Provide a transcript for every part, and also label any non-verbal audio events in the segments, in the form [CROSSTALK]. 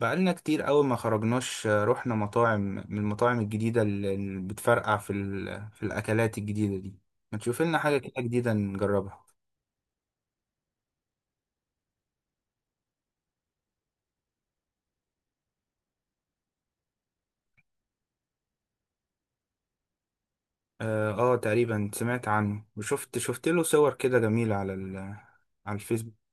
بقالنا كتير أوي ما خرجناش، رحنا مطاعم من المطاعم الجديدة اللي بتفرقع في الأكلات الجديدة دي. ما تشوف لنا حاجة كده جديدة نجربها. تقريبا سمعت عنه، وشفت له صور كده جميلة على على الفيسبوك.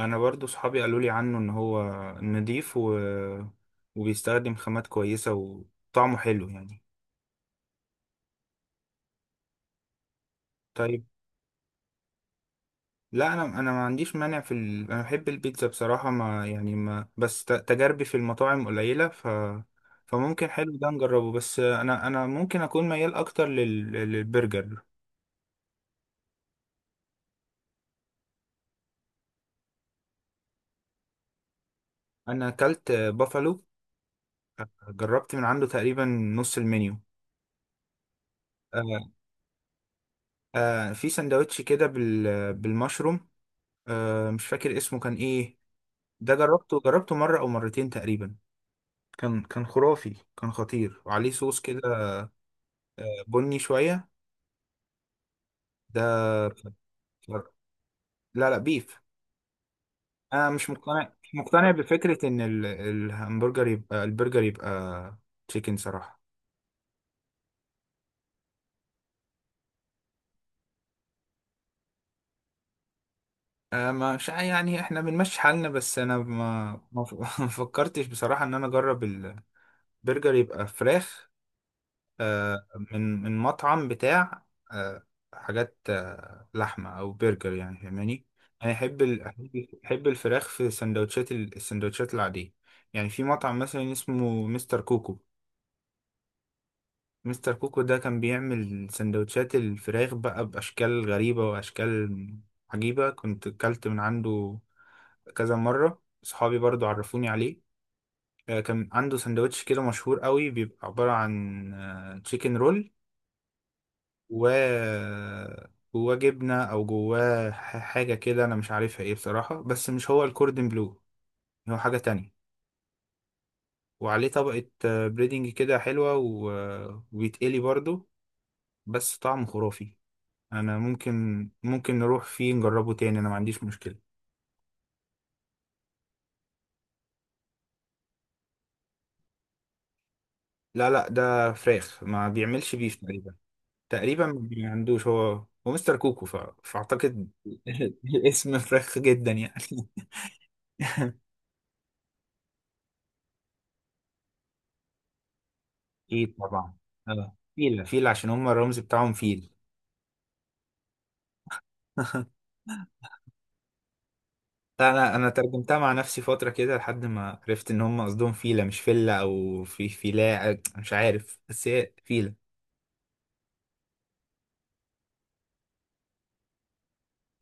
أنا برضو صحابي قالوا لي عنه إن هو نضيف وبيستخدم خامات كويسة وطعمه حلو يعني. طيب، لا انا ما عنديش مانع انا بحب البيتزا بصراحه، ما يعني ما بس ت- تجاربي في المطاعم قليله، فممكن حلو ده نجربه، بس انا ممكن اكون ميال اكتر للبرجر. انا اكلت بافالو، جربت من عنده تقريبا نص المنيو. آه في سندوتش كده بالمشروم، مش فاكر اسمه كان ايه. ده جربته مره او مرتين تقريبا. كان خرافي، كان خطير، وعليه صوص كده بني شويه. ده لا، لا بيف. انا مش مقتنع بفكره ان الهمبرجر يبقى، البرجر يبقى تشيكن صراحه. أه، مش يعني احنا بنمشي حالنا، بس انا ما ما ف- [LAUGHS] ما فكرتش بصراحه ان انا اجرب البرجر يبقى فراخ. أه، من مطعم بتاع، أه، حاجات، أه، لحمه او برجر يعني فاهماني. انا احب ال- احب أحب الفراخ في سندوتشات السندوتشات العاديه. يعني في مطعم مثلا اسمه مستر كوكو. مستر كوكو ده كان بيعمل سندوتشات الفراخ بقى بأشكال غريبة، وأشكال عجيبة. كنت أكلت من عنده كذا مرة، صحابي برضو عرفوني عليه. آه، كان عنده سندوتش كده مشهور قوي، بيبقى عبارة عن تشيكن رول و جواه جبنة، أو جواه حاجة كده أنا مش عارفها إيه بصراحة، بس مش هو الكوردن بلو، هو حاجة تانية. وعليه طبقة بريدنج كده حلوة، وبيتقلي برضو، بس طعمه خرافي. انا ممكن نروح فيه نجربه تاني، انا ما عنديش مشكلة. لا لا، ده فراخ، ما بيعملش بيف تقريبا. تقريبا ما عندوش، هو مستر كوكو، فاعتقد. [LAUGHS] الاسم فراخ جدا يعني. اكيد طبعا. اه، فيل فيل عشان هم الرمز بتاعهم فيل. [LAUGHS] لا، انا ترجمتها مع نفسي فترة كده لحد ما عرفت ان هم قصدهم فيلة، مش فيلة او في فيلاء مش عارف، بس هي فيلة.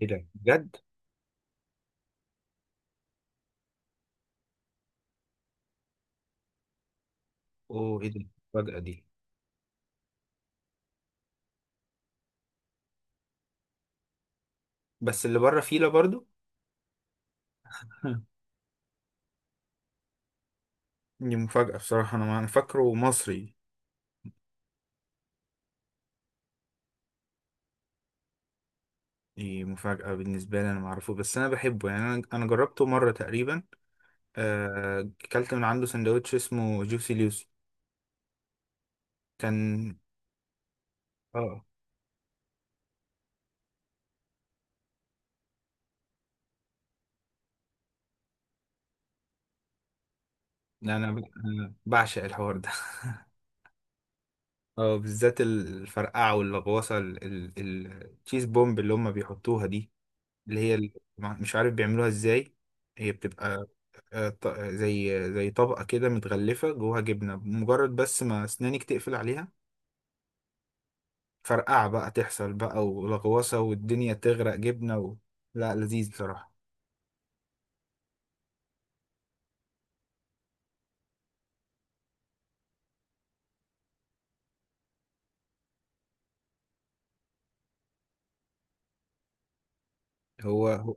ايه ده بجد؟ اوه، ايه ده الفجأة دي؟ بس اللي بره فيلة برضو. [LAUGHS] دي مفاجأة بصراحة، أنا ما أنا فاكره مصري. دي مفاجأة بالنسبة لي، أنا معرفوش، بس أنا بحبه يعني. أنا جربته مرة تقريبا. آه، أكلت من عنده سندوتش اسمه جوسي لوسي. كان. آه، لا، أنا بعشق الحوار ده. [LAUGHS] آه، بالذات الفرقعة واللغوصة، التشيز بومب اللي هما بيحطوها دي، اللي هي مش عارف بيعملوها إزاي. هي بتبقى، آه، زي طبقة كده متغلفة جواها جبنة مجرد، بس ما أسنانك تقفل عليها، فرقعة بقى تحصل بقى، ولغوصة، والدنيا تغرق جبنة. لا، لذيذ بصراحة. هو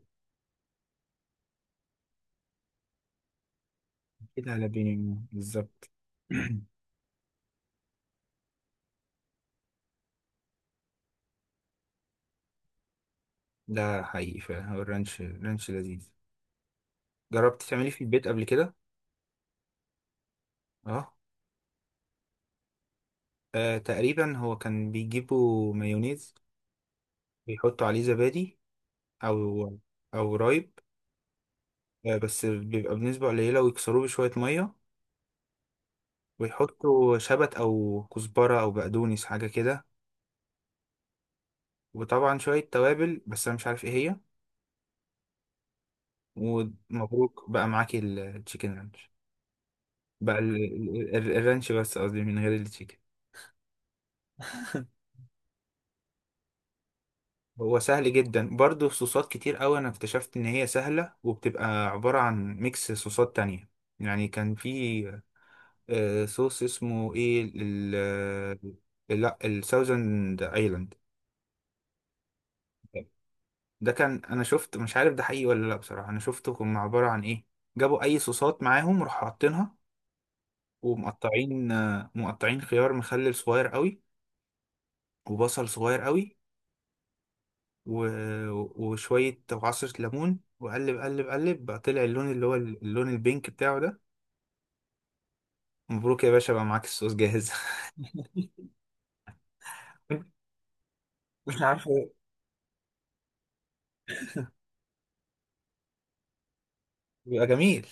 كده على بيني بالظبط. [CLEARS THROAT] ده حقيقي فعلا، هو الرانش، لذيذ. جربت تعمليه في البيت قبل كده؟ اه، آه، تقريبا هو كان بيجيبوا مايونيز، بيحطوا عليه زبادي، او او رايب. آه، بس بيبقى بنسبة قليلة، ويكسروه بشوية مية، ويحطوا شبت او كزبرة او بقدونس حاجة كده. وطبعا شوية توابل، بس انا مش عارف ايه هي. ومبروك بقى معاكي التشيكن رانش. بقى الرانش بس قصدي، من غير التشيكن. [LAUGHS] هو سهل جدا برضه. صوصات كتير قوي انا اكتشفت ان هي سهله، وبتبقى عباره عن ميكس صوصات تانية. يعني كان في، آه، صوص اسمه ايه، ال ال- لا الساوزند ايلاند. ده كان، انا شفت مش عارف ده حقيقي ولا لا بصراحه. انا شفته كان عباره عن ايه، جابوا اي صوصات معاهم راحوا حاطينها، ومقطعين، آه، مقطعين خيار مخلل صغير قوي، وبصل صغير قوي، و... وشوية وعصرة ليمون، وقلب قلب قلب بقى طلع اللون اللي هو اللون البينك بتاعه ده. مبروك يا باشا، بقى معاك الصوص جاهز. [LAUGHS] مش عارف إيه. بيبقى جميل.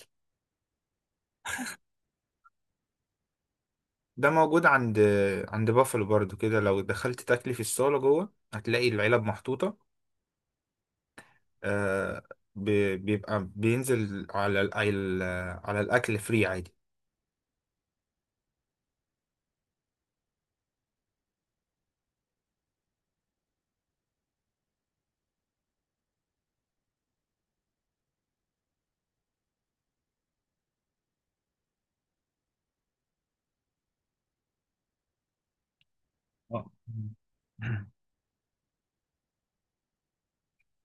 ده موجود عند بافلو برضو كده، لو دخلت تاكلي في الصالة جوه هتلاقي العلب محطوطة. آه، ب... بيبقى بينزل على على الأكل فري عادي. اه. [LAUGHS]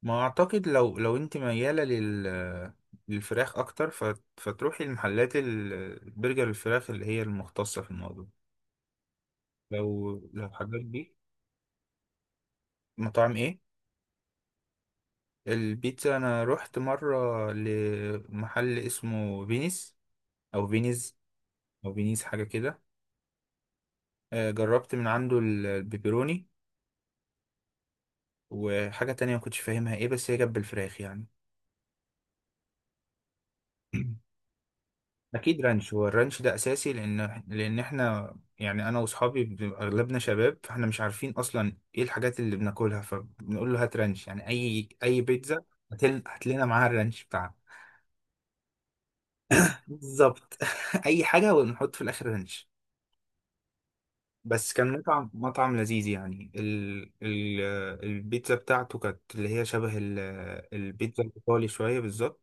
ما اعتقد، لو انت مياله للفراخ اكتر، فتروحي المحلات البرجر الفراخ اللي هي المختصه في الموضوع. لو حضرتك دي. مطاعم ايه؟ البيتزا انا رحت مره لمحل اسمه فينيس، او فينيز، او فينيس حاجه كده. آه، جربت من عنده البيبروني، وحاجه تانية ما كنتش فاهمها ايه، بس هي جنب الفراخ يعني. [CLEARS THROAT] اكيد رانش، هو الرانش ده اساسي، لان احنا يعني انا واصحابي بنبقى اغلبنا شباب، فاحنا مش عارفين اصلا ايه الحاجات اللي بناكلها، فبنقول له هات رانش. يعني اي بيتزا، هات لنا معاها الرانش بتاعها. بالظبط. [LAUGHS] اي حاجه ونحط في الاخر رانش. بس كان مطعم لذيذ يعني. البيتزا بتاعته كانت اللي هي شبه البيتزا الايطالي شويه بالظبط،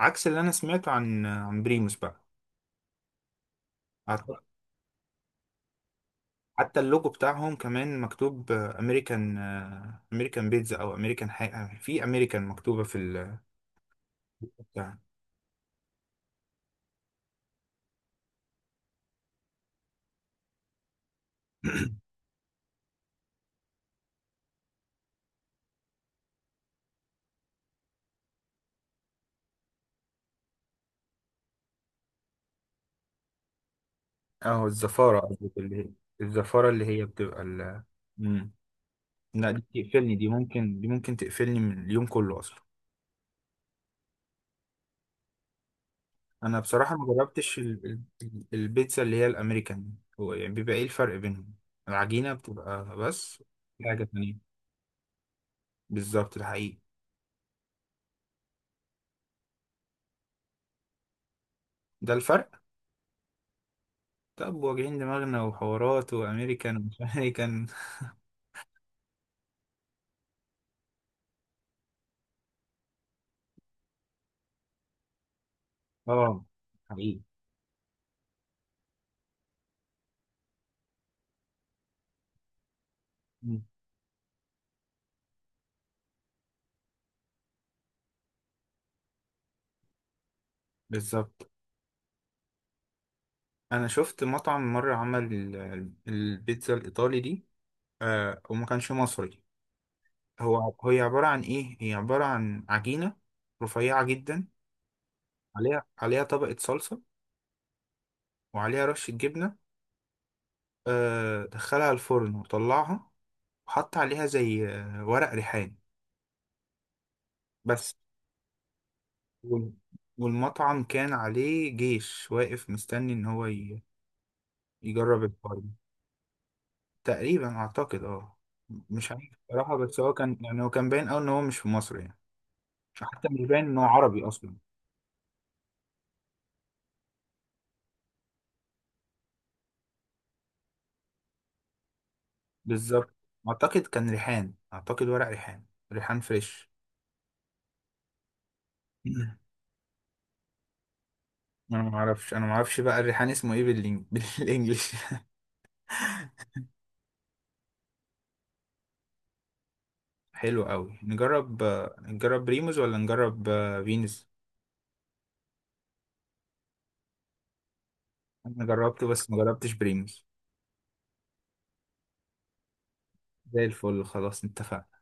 عكس اللي انا سمعته عن بريموس بقى. حتى اللوجو بتاعهم كمان مكتوب امريكان، امريكان بيتزا، او امريكان حاجه، في امريكان مكتوبه في بتاع. [CLEARS THROAT] اهو الزفاره قصدك، اللي هي الزفاره اللي هي بتبقى ال. مم. لا، دي تقفلني، دي ممكن تقفلني من اليوم كله اصلا. انا بصراحه ما جربتش البيتزا اللي هي الامريكان. هو يعني بيبقى ايه الفرق بينهم؟ العجينه بتبقى بس حاجه تانية. بالظبط ده حقيقي. ده الفرق. طب واجعين دماغنا وحوارات وامريكان ومش [LAUGHS] امريكان. اه حقيقي. مم. بالظبط. انا شفت مطعم مره عمل البيتزا الايطالي دي. آه، وما كانش مصري. هو هي عباره عن ايه، هي عباره عن عجينه رفيعه جدا، عليها طبقه صلصه، وعليها رشه جبنه، آه، دخلها الفرن وطلعها، وحط عليها زي، آه، ورق ريحان بس. وال- والمطعم كان عليه جيش واقف مستني ان هو يجرب الفرن. تقريبا اعتقد اه، مش عارف بصراحة. بس هو كان يعني هو كان باين قوي ان هو مش في مصر يعني، حتى مش باين ان هو عربي اصلا. بالظبط. اعتقد كان ريحان، اعتقد ورق ريحان، ريحان فريش. مم. انا ما اعرفش بقى الريحان اسمه ايه [LAUGHS] بالانجلش. حلو قوي نجرب، آه، نجرب بريموز ولا نجرب، آه، فينوس؟ انا جربته بس ما جربتش بريموز. زي الفل، خلاص اتفقنا.